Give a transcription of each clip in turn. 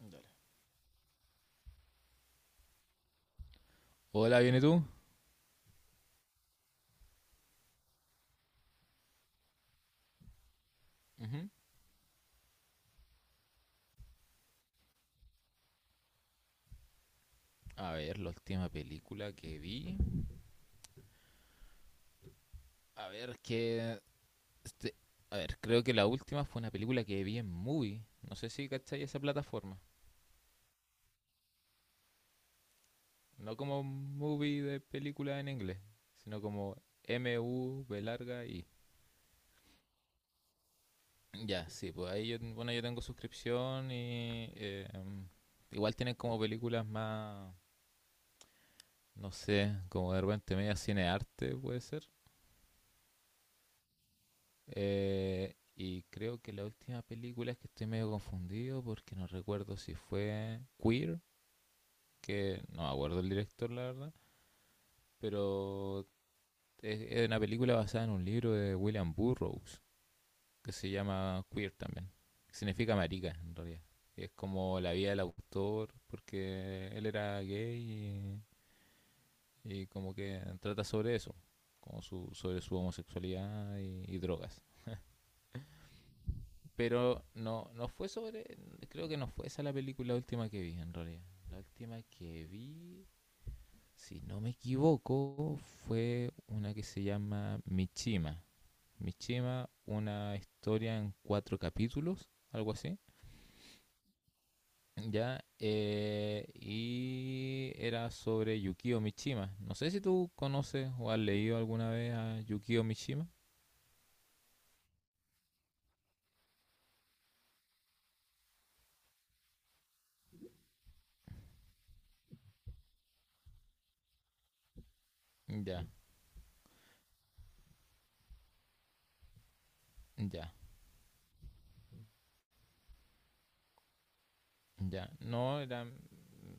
Dale. Hola, ¿viene tú? Ujú. A ver, la última película que vi. A ver, que. este, a ver, creo que la última fue una película que vi en Movie. No sé si cachai esa plataforma. No como Movie de película en inglés, sino como MUBI. Ya, sí, pues ahí yo, bueno, yo tengo suscripción y. Igual tienen como películas más. No sé, como de repente media cinearte, puede ser. Y creo que la última película es que estoy medio confundido porque no recuerdo si fue Queer, que no me acuerdo el director, la verdad, pero es una película basada en un libro de William Burroughs que se llama Queer también. Que significa marica en realidad. Y es como la vida del autor porque él era gay y como que trata sobre eso, sobre su homosexualidad y drogas. Pero no, no fue sobre. Creo que no fue esa la película última que vi, en realidad. La última que vi, si no me equivoco, fue una que se llama Michima. Michima, una historia en cuatro capítulos, algo así. Ya, y era sobre Yukio Mishima. No sé si tú conoces o has leído alguna vez a Yukio Mishima. Ya, ya, ya. No, era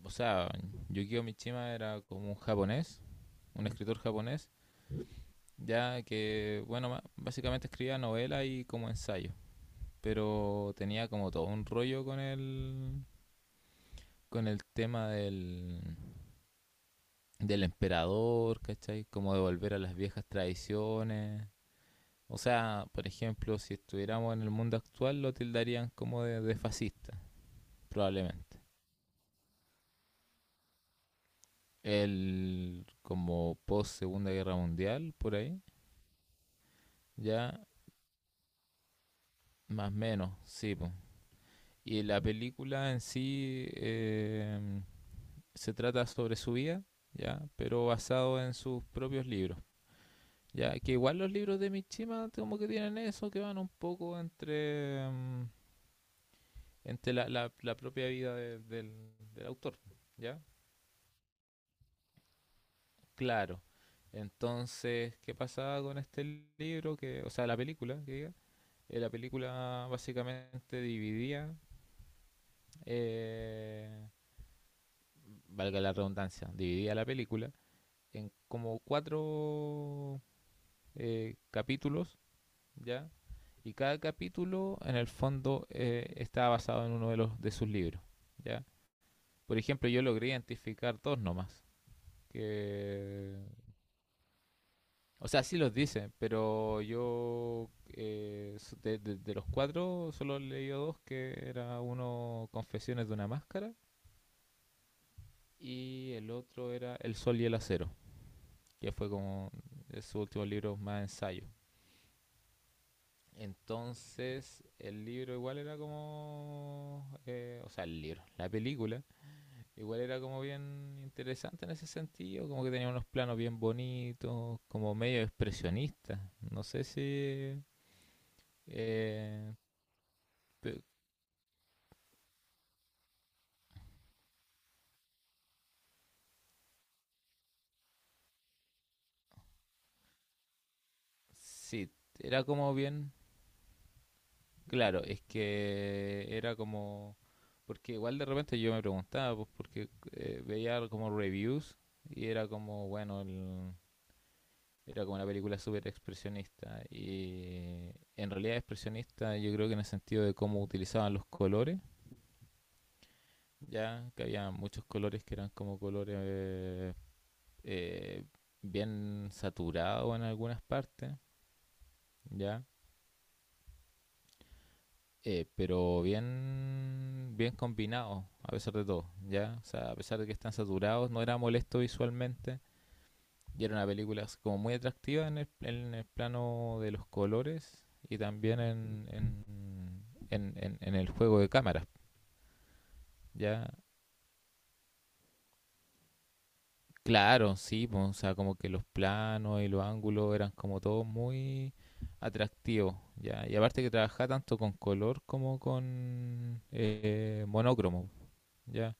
O sea, Yukio Mishima era como un japonés, un escritor japonés, ya que, bueno, básicamente escribía novelas y como ensayo, pero tenía como todo un rollo con el tema del emperador, ¿cachai? Como de volver a las viejas tradiciones. O sea, por ejemplo, si estuviéramos en el mundo actual, lo tildarían como de fascista, probablemente. El como post Segunda Guerra Mundial, por ahí. Ya. Más o menos, sí, po. Y la película en sí, se trata sobre su vida, ¿ya? Pero basado en sus propios libros, ¿ya? Que igual los libros de Mishima como que tienen eso, que van un poco entre la propia vida del autor, ¿ya? Claro. Entonces, ¿qué pasaba con este libro? Que, o sea, la película, que diga. La película básicamente dividía eh, valga la redundancia, dividida la película en como cuatro capítulos, ¿ya? Y cada capítulo, en el fondo, está basado en uno de sus libros, ¿ya? Por ejemplo, yo logré identificar dos nomás, que... O sea, sí los dice, pero yo de los cuatro solo leí dos, que era uno Confesiones de una máscara y el otro era El Sol y el Acero. Que fue como su último libro más ensayo. Entonces, el libro igual era como, o sea, el libro, la película, igual era como bien interesante en ese sentido, como que tenía unos planos bien bonitos, como medio expresionista. No sé si. eh, pe- sí, era como bien. Claro, es que era como. Porque igual de repente yo me preguntaba, pues porque veía como reviews y era como, bueno, el Era como una película súper expresionista. Y en realidad expresionista yo creo que en el sentido de cómo utilizaban los colores, ya que había muchos colores que eran como colores eh, bien saturados en algunas partes, ya, pero bien, bien combinados a pesar de todo, ya. O sea, a pesar de que están saturados, no era molesto visualmente. Y era una película así como muy atractiva en el plano de los colores y también en el juego de cámaras. Ya, claro, sí, pues, o sea, como que los planos y los ángulos eran como todos muy atractivos. Ya, y aparte que trabajaba tanto con color como con monócromo, ya,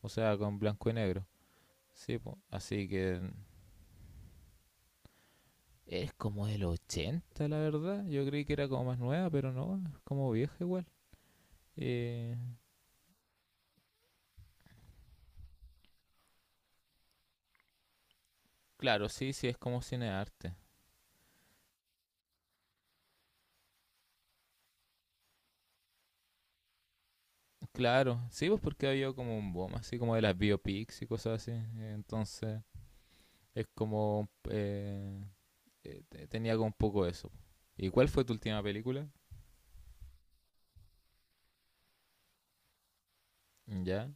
o sea, con blanco y negro. Sí, pues, así que es como del 80 la verdad. Yo creí que era como más nueva, pero no, es como vieja, igual. Eh, claro, sí, sí, es como cine arte. Claro, sí, pues porque había como un boom, así como de las biopics y cosas así. Entonces, es como... tenía como un poco eso. ¿Y cuál fue tu última película? Ya.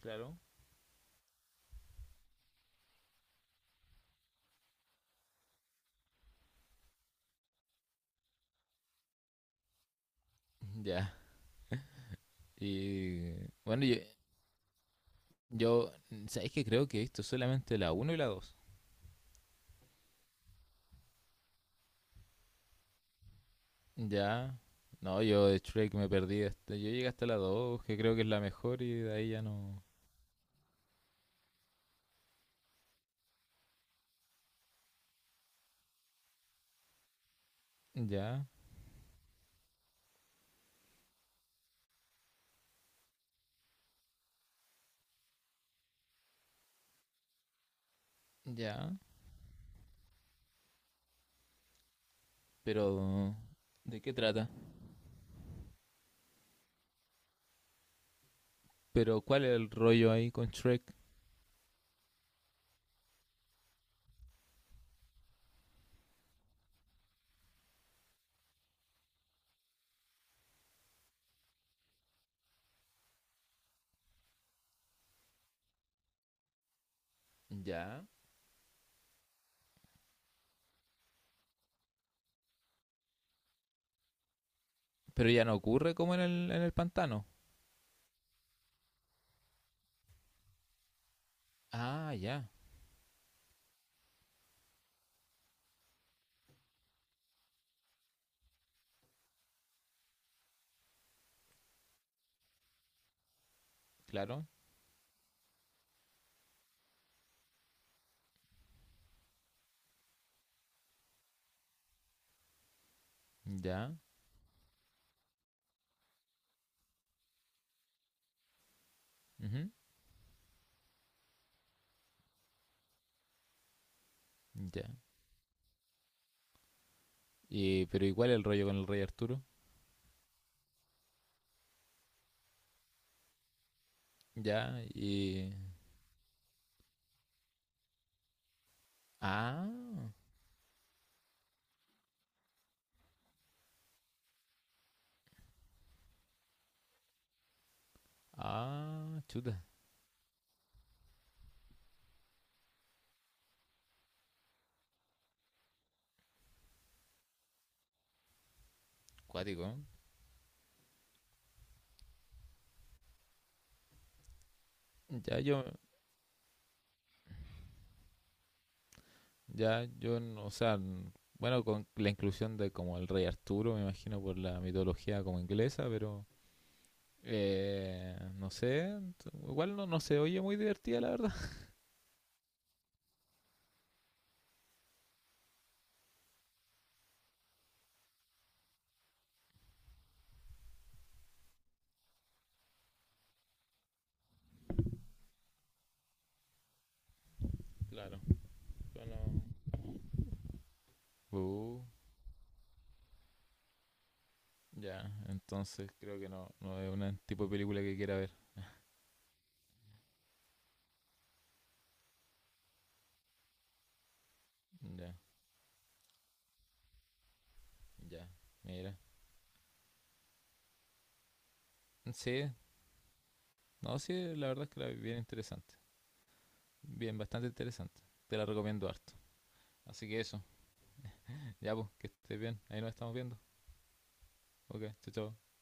Claro. Ya. Y bueno, yo ¿sabéis que creo que he visto solamente la uno y la dos? Ya. No, yo de Shrek me perdí. Hasta, yo llegué hasta la 2 que creo que es la mejor, y de ahí ya no. Ya. Ya. Pero, ¿de qué trata? Pero, ¿cuál es el rollo ahí con Shrek? Ya. Pero ya no ocurre como en el pantano. Ah, ya, claro. Ya. Ujú. Ya. Y, pero, ¿y cuál es el rollo con el rey Arturo? Ya. Y... Ah, ah, chuta. Cuático, ¿eh? Ya yo, ya yo, no- o sea, bueno, con la inclusión de como el rey Arturo, me imagino por la mitología como inglesa, pero... No sé, igual no, no se oye muy divertida, la verdad. Claro. Bueno. Uh, ya, entonces creo que no, no es un tipo de película que quiera ver. Ya, ya, mira. Sí, no, sí, la verdad es que la vi bien interesante. Bien, bastante interesante. Te la recomiendo harto. Así que eso, ya pues, que estés bien. Ahí nos estamos viendo. Ok, chao, chao.